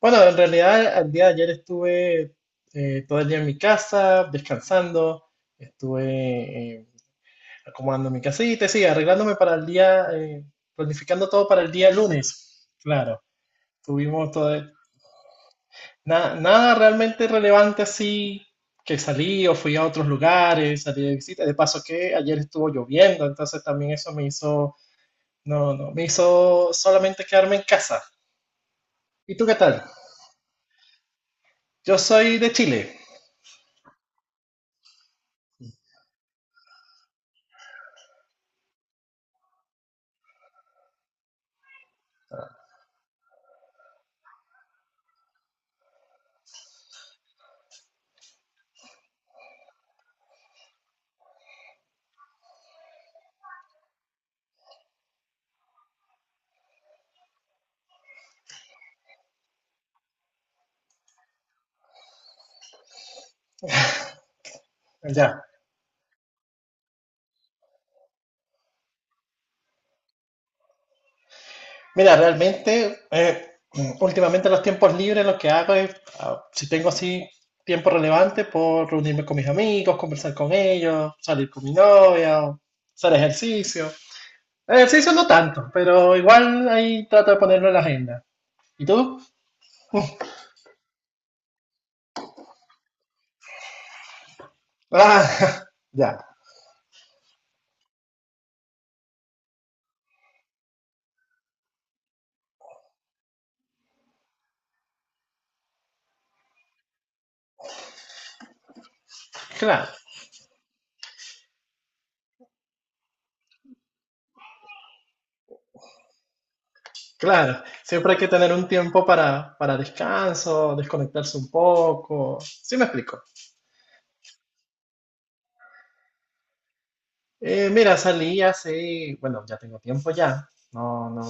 Bueno, en realidad el día de ayer estuve todo el día en mi casa, descansando, estuve acomodando mi casita, sí, arreglándome para el día, planificando todo para el día lunes. Claro, tuvimos todo, nada realmente relevante así, que salí o fui a otros lugares, salí de visita. De paso que ayer estuvo lloviendo, entonces también eso me hizo, no, no, me hizo solamente quedarme en casa. ¿Y tú qué tal? Yo soy de Chile, allá. Mira, realmente, últimamente los tiempos libres lo que hago es, si tengo así tiempo relevante, puedo reunirme con mis amigos, conversar con ellos, salir con mi novia, o hacer ejercicio. Ejercicio no tanto, pero igual ahí trato de ponerlo en la agenda. ¿Y tú? Ah, ya, claro, claro. Siempre hay que tener un tiempo para descanso, desconectarse un poco. ¿Sí me explico? Mira, salí hace, bueno, ya tengo tiempo ya. No, no,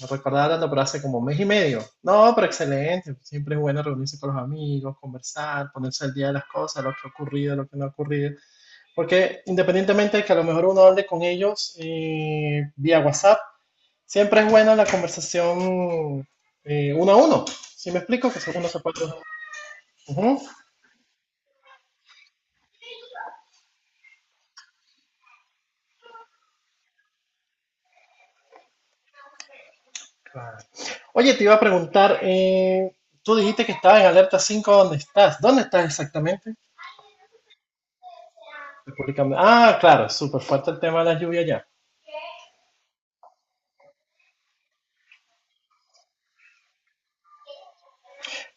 no recordaba tanto, pero hace como mes y medio. No, pero excelente. Siempre es bueno reunirse con los amigos, conversar, ponerse al día de las cosas, lo que ha ocurrido, lo que no ha ocurrido. Porque independientemente de que a lo mejor uno hable con ellos vía WhatsApp, siempre es buena la conversación uno a uno. ¿Sí me explico? Que uno se puede. Ujú. Claro. Oye, te iba a preguntar, tú dijiste que estabas en alerta 5. ¿Dónde estás? ¿Dónde estás exactamente? Ah, claro, súper fuerte el tema de la lluvia allá.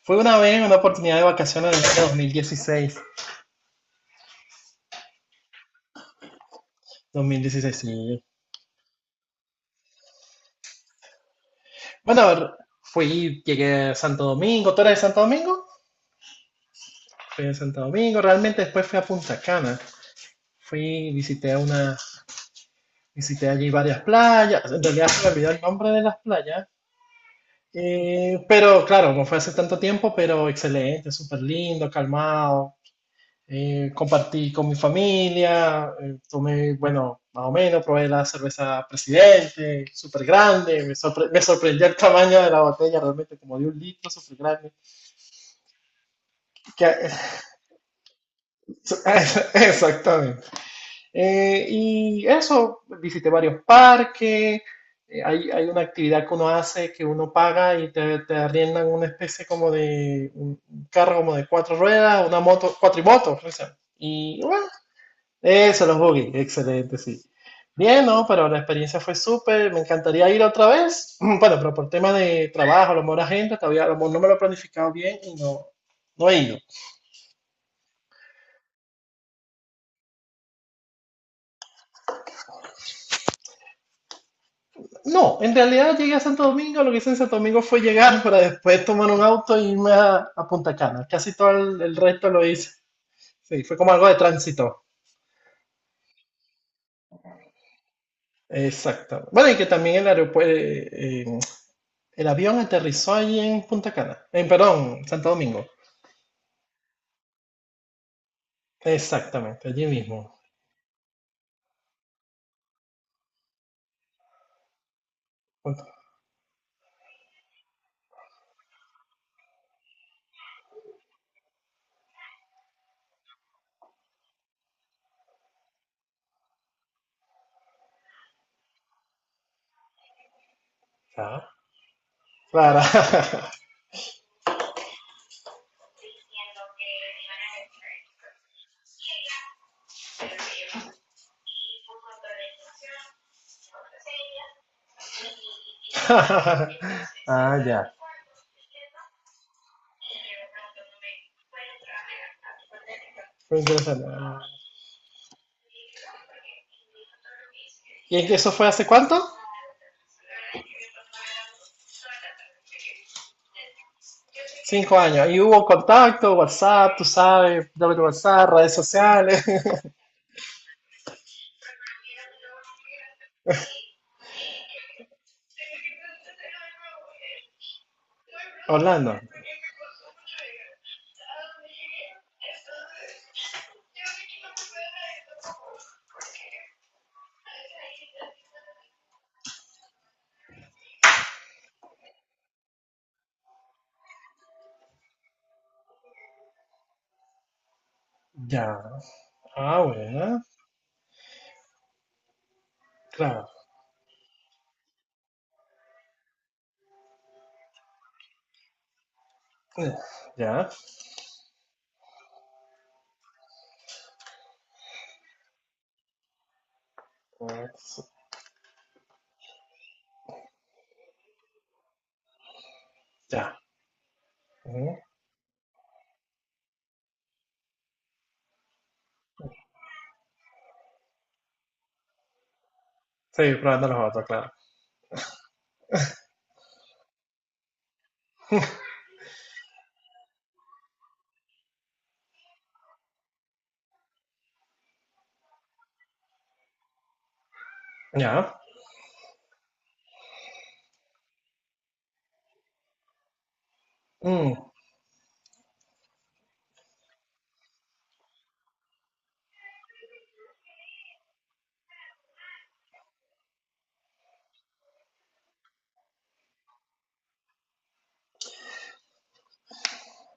Fue una vez, una oportunidad de vacaciones en el año 2016, sí. Bueno, a ver, fui, llegué a Santo Domingo, ¿tú eres de Santo Domingo? Fui a Santo Domingo, realmente después fui a Punta Cana. Fui, visité allí varias playas. En realidad se me olvidó el nombre de las playas. Pero claro, no fue hace tanto tiempo, pero excelente, súper lindo, calmado. Compartí con mi familia, tomé, bueno, más o menos, probé la cerveza Presidente, súper grande, me sorprendió el tamaño de la botella, realmente como de un litro, súper grande. Exactamente. Y eso, visité varios parques, hay una actividad que uno hace que uno paga y te arriendan una especie como de un carro como de cuatro ruedas, una moto, cuatrimoto. Creo que Y bueno, eso, los buggy, excelente, sí. Bien, ¿no? Pero la experiencia fue súper, me encantaría ir otra vez, bueno, pero por tema de trabajo, a lo mejor la gente, todavía a lo mejor no me lo he planificado bien y no, no he ido. No, en realidad llegué a Santo Domingo, lo que hice en Santo Domingo fue llegar para después tomar un auto e irme a Punta Cana. Casi todo el resto lo hice. Sí, fue como algo de tránsito. Exacto. Bueno, y que también el aeropuerto, el avión aterrizó allí en Punta Cana. En, perdón, Santo Domingo. Exactamente, allí mismo. Punta- Claro. Claro. Fue interesante. Ah. ¿Y es que eso fue hace cuánto? 5 años. ¿Y hubo contacto, WhatsApp, tú sabes, doble WhatsApp, redes sociales? Orlando. Ya. Ah, bueno. Claro. Ya. Ya. Ex- Ya. Ujú. Seguir probando los otros, claro. Ya. Mm.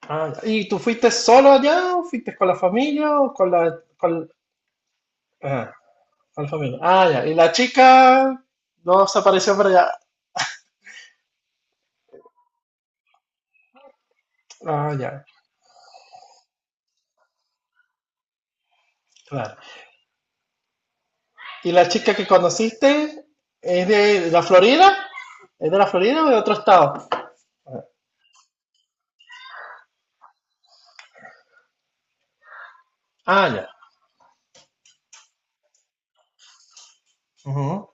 Ah, ya. ¿Y tú fuiste solo allá o fuiste con la familia o ah, con la familia? Ah, ya. ¿Y la chica no se apareció por allá? Ah, ya. Claro. ¿Y la chica que conociste es de la Florida? ¿Es de la Florida o de otro estado? Ah, ya. Ujú.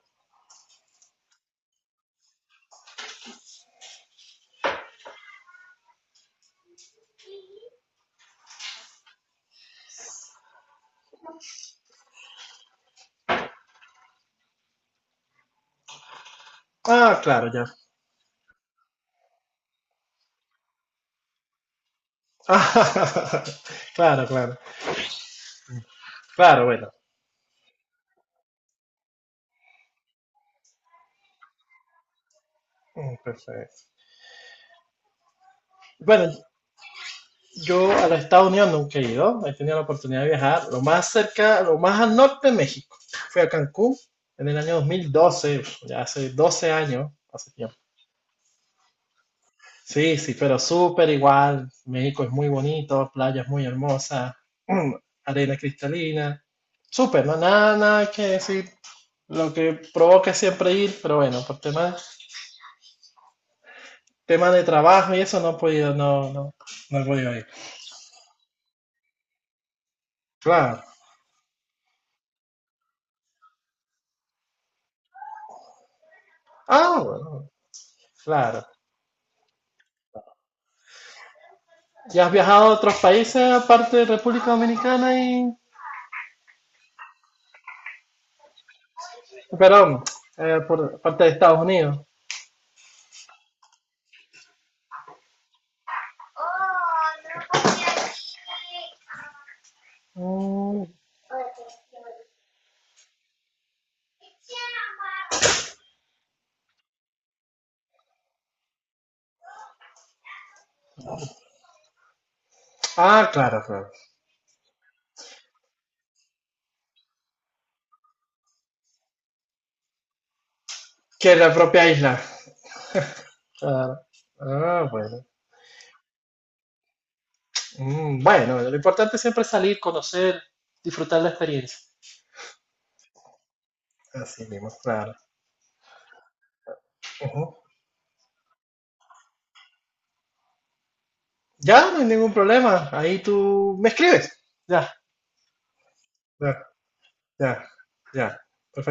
Ah, claro, ya. Ah, claro, claro. Claro, bueno. Mm, perfecto. Bueno, yo a los Estados Unidos nunca he ido. He tenido la oportunidad de viajar lo más cerca, lo más al norte de México. Fui a Cancún en el año 2012, ya hace 12 años, hace tiempo. Sí, sí, pero súper igual. México es muy bonito, playas muy hermosas, mm, arena cristalina. Súper, no, nada, nada que decir. Lo que provoca es siempre ir, pero bueno, por tema de trabajo y eso no he podido, no, no, no he podido ir. Claro. Ah, bueno, claro. ¿Ya has viajado a otros países aparte de República Dominicana y, perdón, por parte de Estados Unidos? Mm, ah, claro, claro. Que la propia isla. Claro. Ah, bueno. Bueno, lo importante siempre es salir, conocer, disfrutar la experiencia. Así mismo, claro. Ujú. Ya, no hay ningún problema. Ahí tú me escribes. Ya, ya, ya, ya.